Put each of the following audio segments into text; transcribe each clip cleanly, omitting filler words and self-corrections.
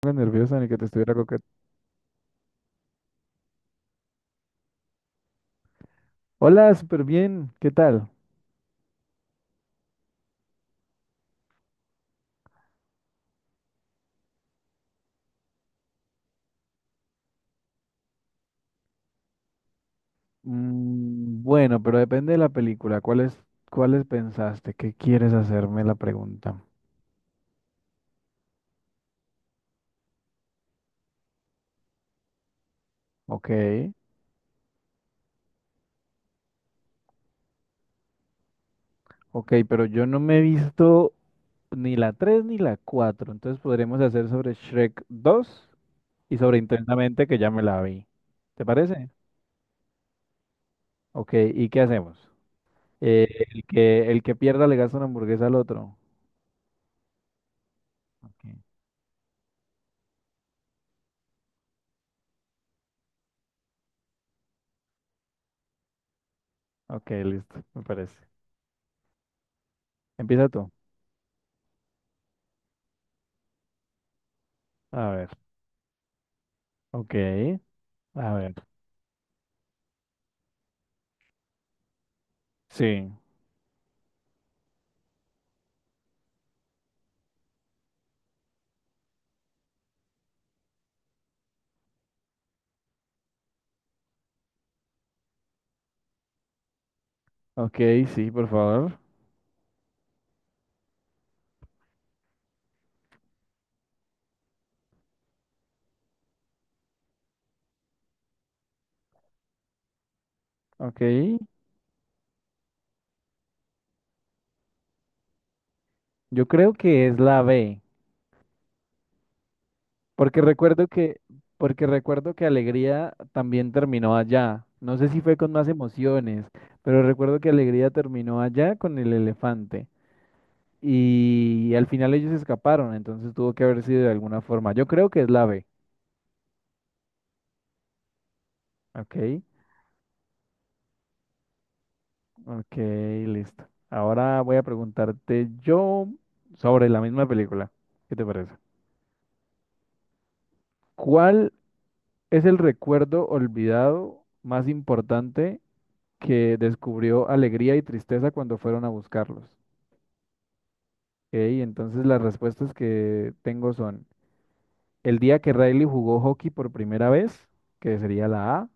Poco nerviosa ni que te estuviera coquet. Hola, súper bien. ¿Qué tal? Bueno, pero depende de la película. ¿Cuáles pensaste? ¿Qué quieres hacerme la pregunta? Ok, ok, pero yo no me he visto ni la 3 ni la cuatro. Entonces podremos hacer sobre Shrek dos y sobre Intensamente, que ya me la vi. ¿Te parece? Ok, ¿y qué hacemos? Eh, el que pierda le gasta una hamburguesa al otro. Ok. Ok, listo, me parece. Empieza tú. A ver. Ok. A ver. Sí. Ok, sí, por favor. Ok. Yo creo que es la B. Porque recuerdo que, porque recuerdo que Alegría también terminó allá. No sé si fue con más emociones, pero recuerdo que Alegría terminó allá con el elefante. Y al final ellos escaparon, entonces tuvo que haber sido de alguna forma. Yo creo que es la B. Ok. Ok, listo. Ahora voy a preguntarte yo sobre la misma película. ¿Qué te parece? ¿Cuál? Es el recuerdo olvidado más importante que descubrió alegría y tristeza cuando fueron a buscarlos. Ey, entonces las respuestas que tengo son el día que Riley jugó hockey por primera vez, que sería la A,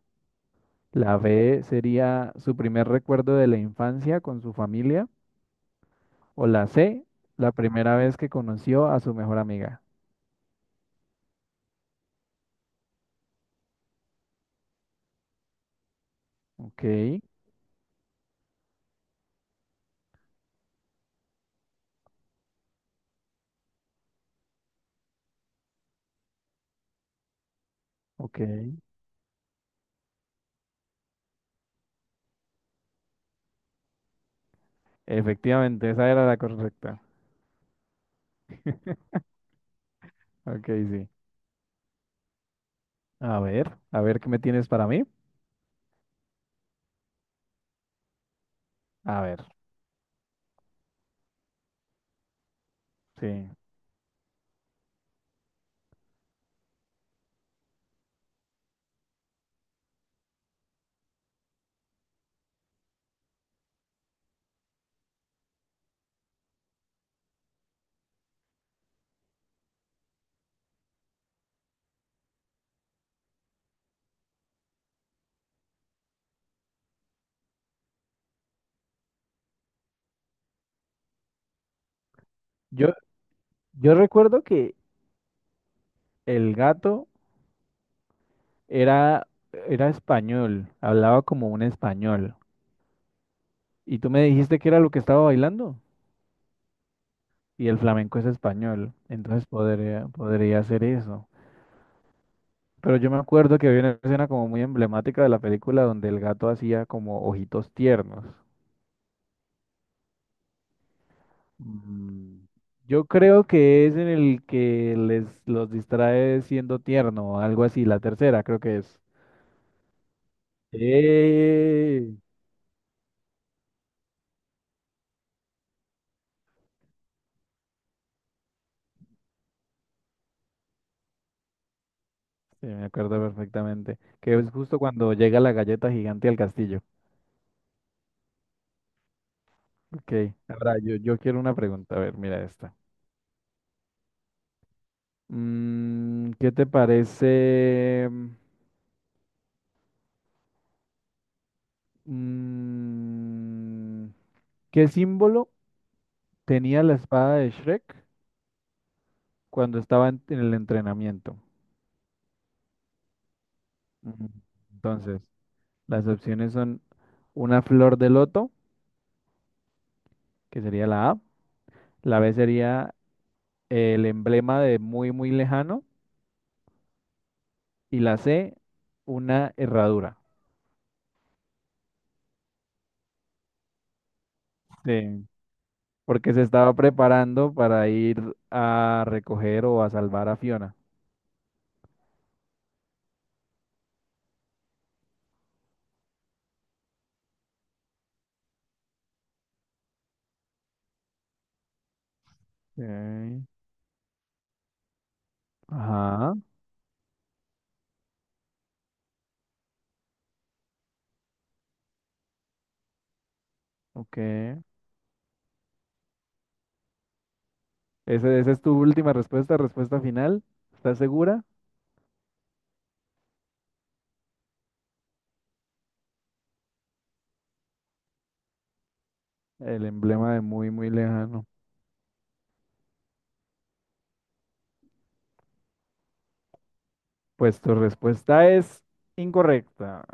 la B sería su primer recuerdo de la infancia con su familia, o la C, la primera vez que conoció a su mejor amiga. Ok, ok. Efectivamente, esa era la correcta. Ok, sí. A ver qué me tienes para mí. A ver. Sí. Yo, yo recuerdo que el gato era, era español, hablaba como un español. Y tú me dijiste que era lo que estaba bailando. Y el flamenco es español. Entonces podría ser eso. Pero yo me acuerdo que había una escena como muy emblemática de la película donde el gato hacía como ojitos tiernos. Mm, Yo creo que es en el que les los distrae siendo tierno o algo así, la tercera creo que es. ¡Eh! Sí, me acuerdo perfectamente. Que es justo cuando llega la galleta gigante al castillo. Ok. Ahora, yo quiero una pregunta. A ver, mira esta. ¿Qué te parece? mm, ¿Qué símbolo tenía la espada de Shrek cuando estaba en el entrenamiento? Mm, Entonces, las opciones son una flor de loto, que sería la A. La B sería el emblema de muy, muy lejano. Y la C, una herradura. Sí, porque se estaba preparando para ir a recoger o a salvar a Fiona. Ok. Ajá, ok. ¿Esa es tu última respuesta final? ¿Estás segura? El emblema de muy, muy lejano. Pues tu respuesta es incorrecta,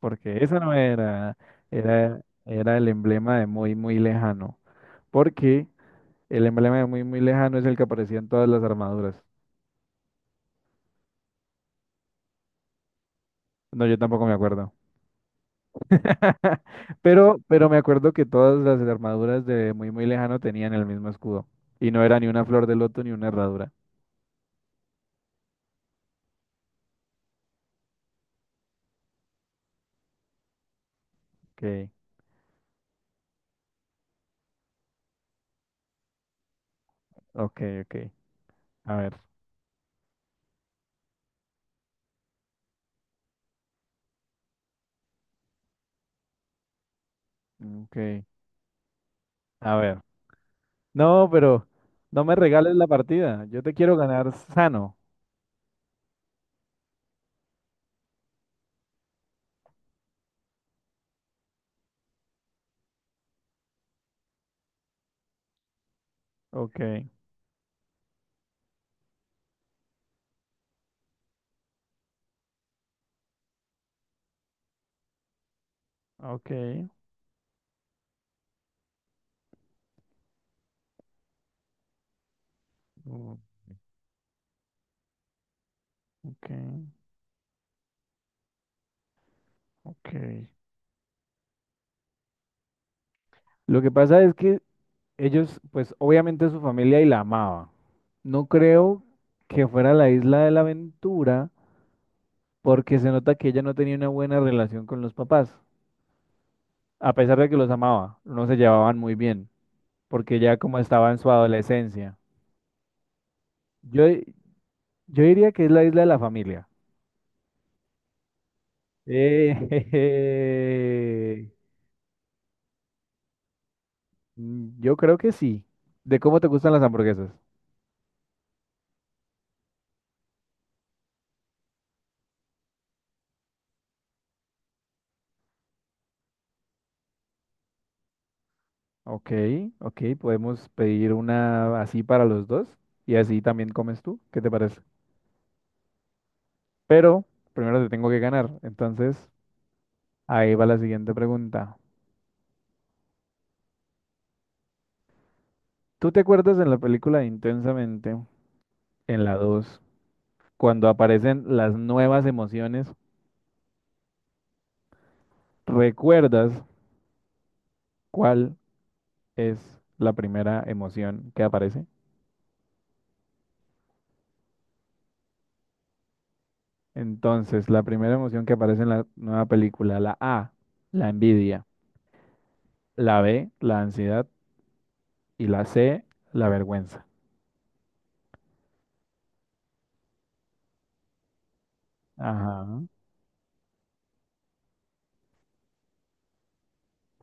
porque esa no era, era el emblema de muy, muy lejano, porque el emblema de muy, muy lejano es el que aparecía en todas las armaduras. No, yo tampoco me acuerdo. Pero me acuerdo que todas las armaduras de muy muy lejano tenían el mismo escudo. Y no era ni una flor de loto ni una herradura. Ok, ok, ok. A ver. Ok. A ver. No, pero no me regales la partida. Yo te quiero ganar sano. Ok, ok. mm, ok, ok. Lo que pasa es que ellos, pues obviamente su familia y la amaba. No creo que fuera la isla de la aventura, porque se nota que ella no tenía una buena relación con los papás, a pesar de que los amaba, no se llevaban muy bien, porque ya como estaba en su adolescencia. Yo, yo diría que es la isla de la familia. Eh, yo creo que sí. ¿De cómo te gustan las hamburguesas? Ok, ok, podemos pedir una así para los dos y así también comes tú, ¿qué te parece? Pero primero te tengo que ganar, entonces ahí va la siguiente pregunta. ¿Tú te acuerdas en la película de Intensamente? En la dos, cuando aparecen las nuevas emociones, ¿recuerdas cuál es la primera emoción que aparece? Entonces, la primera emoción que aparece en la nueva película, la A, la envidia, la B, la ansiedad y la C, la vergüenza. Ajá.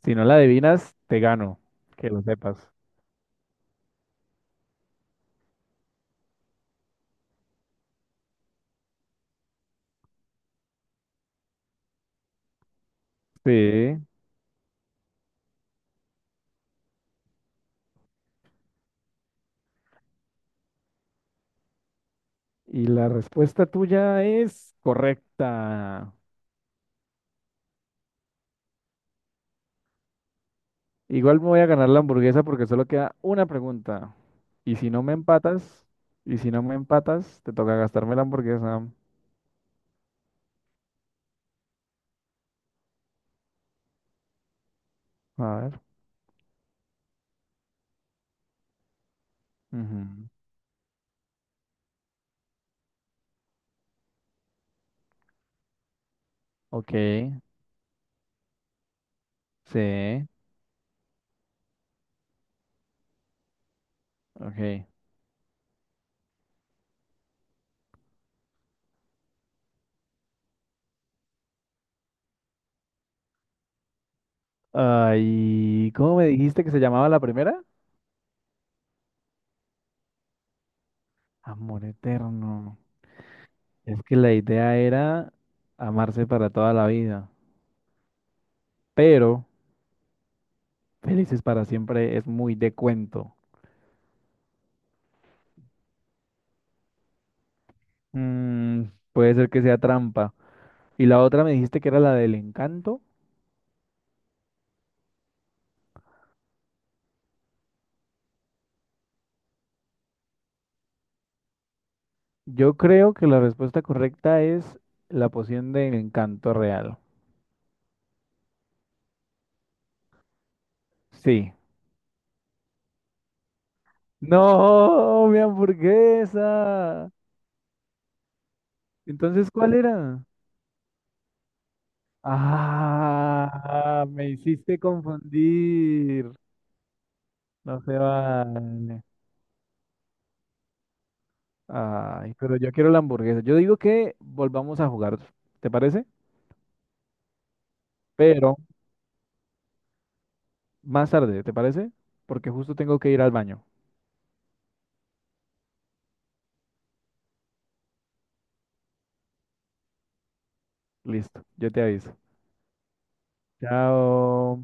Si no la adivinas, te gano, que lo sepas. Sí. Y la respuesta tuya es correcta. Igual me voy a ganar la hamburguesa porque solo queda una pregunta. Y si no me empatas, y si no me empatas, te toca gastarme la hamburguesa. A ver. Ujú. Ok, sí, ok. Ay, ¿cómo me dijiste que se llamaba la primera? Amor eterno. Es que la idea era amarse para toda la vida, pero felices para siempre es muy de cuento. Mm, puede ser que sea trampa. ¿Y la otra me dijiste que era la del encanto? Yo creo que la respuesta correcta es la poción del encanto real. Sí. No, mi hamburguesa. Entonces, ¿cuál era? Ah, me hiciste confundir. No se vale. Ay, pero yo quiero la hamburguesa. Yo digo que volvamos a jugar, ¿te parece? Pero más tarde, ¿te parece? Porque justo tengo que ir al baño. Listo, yo te aviso. Chao.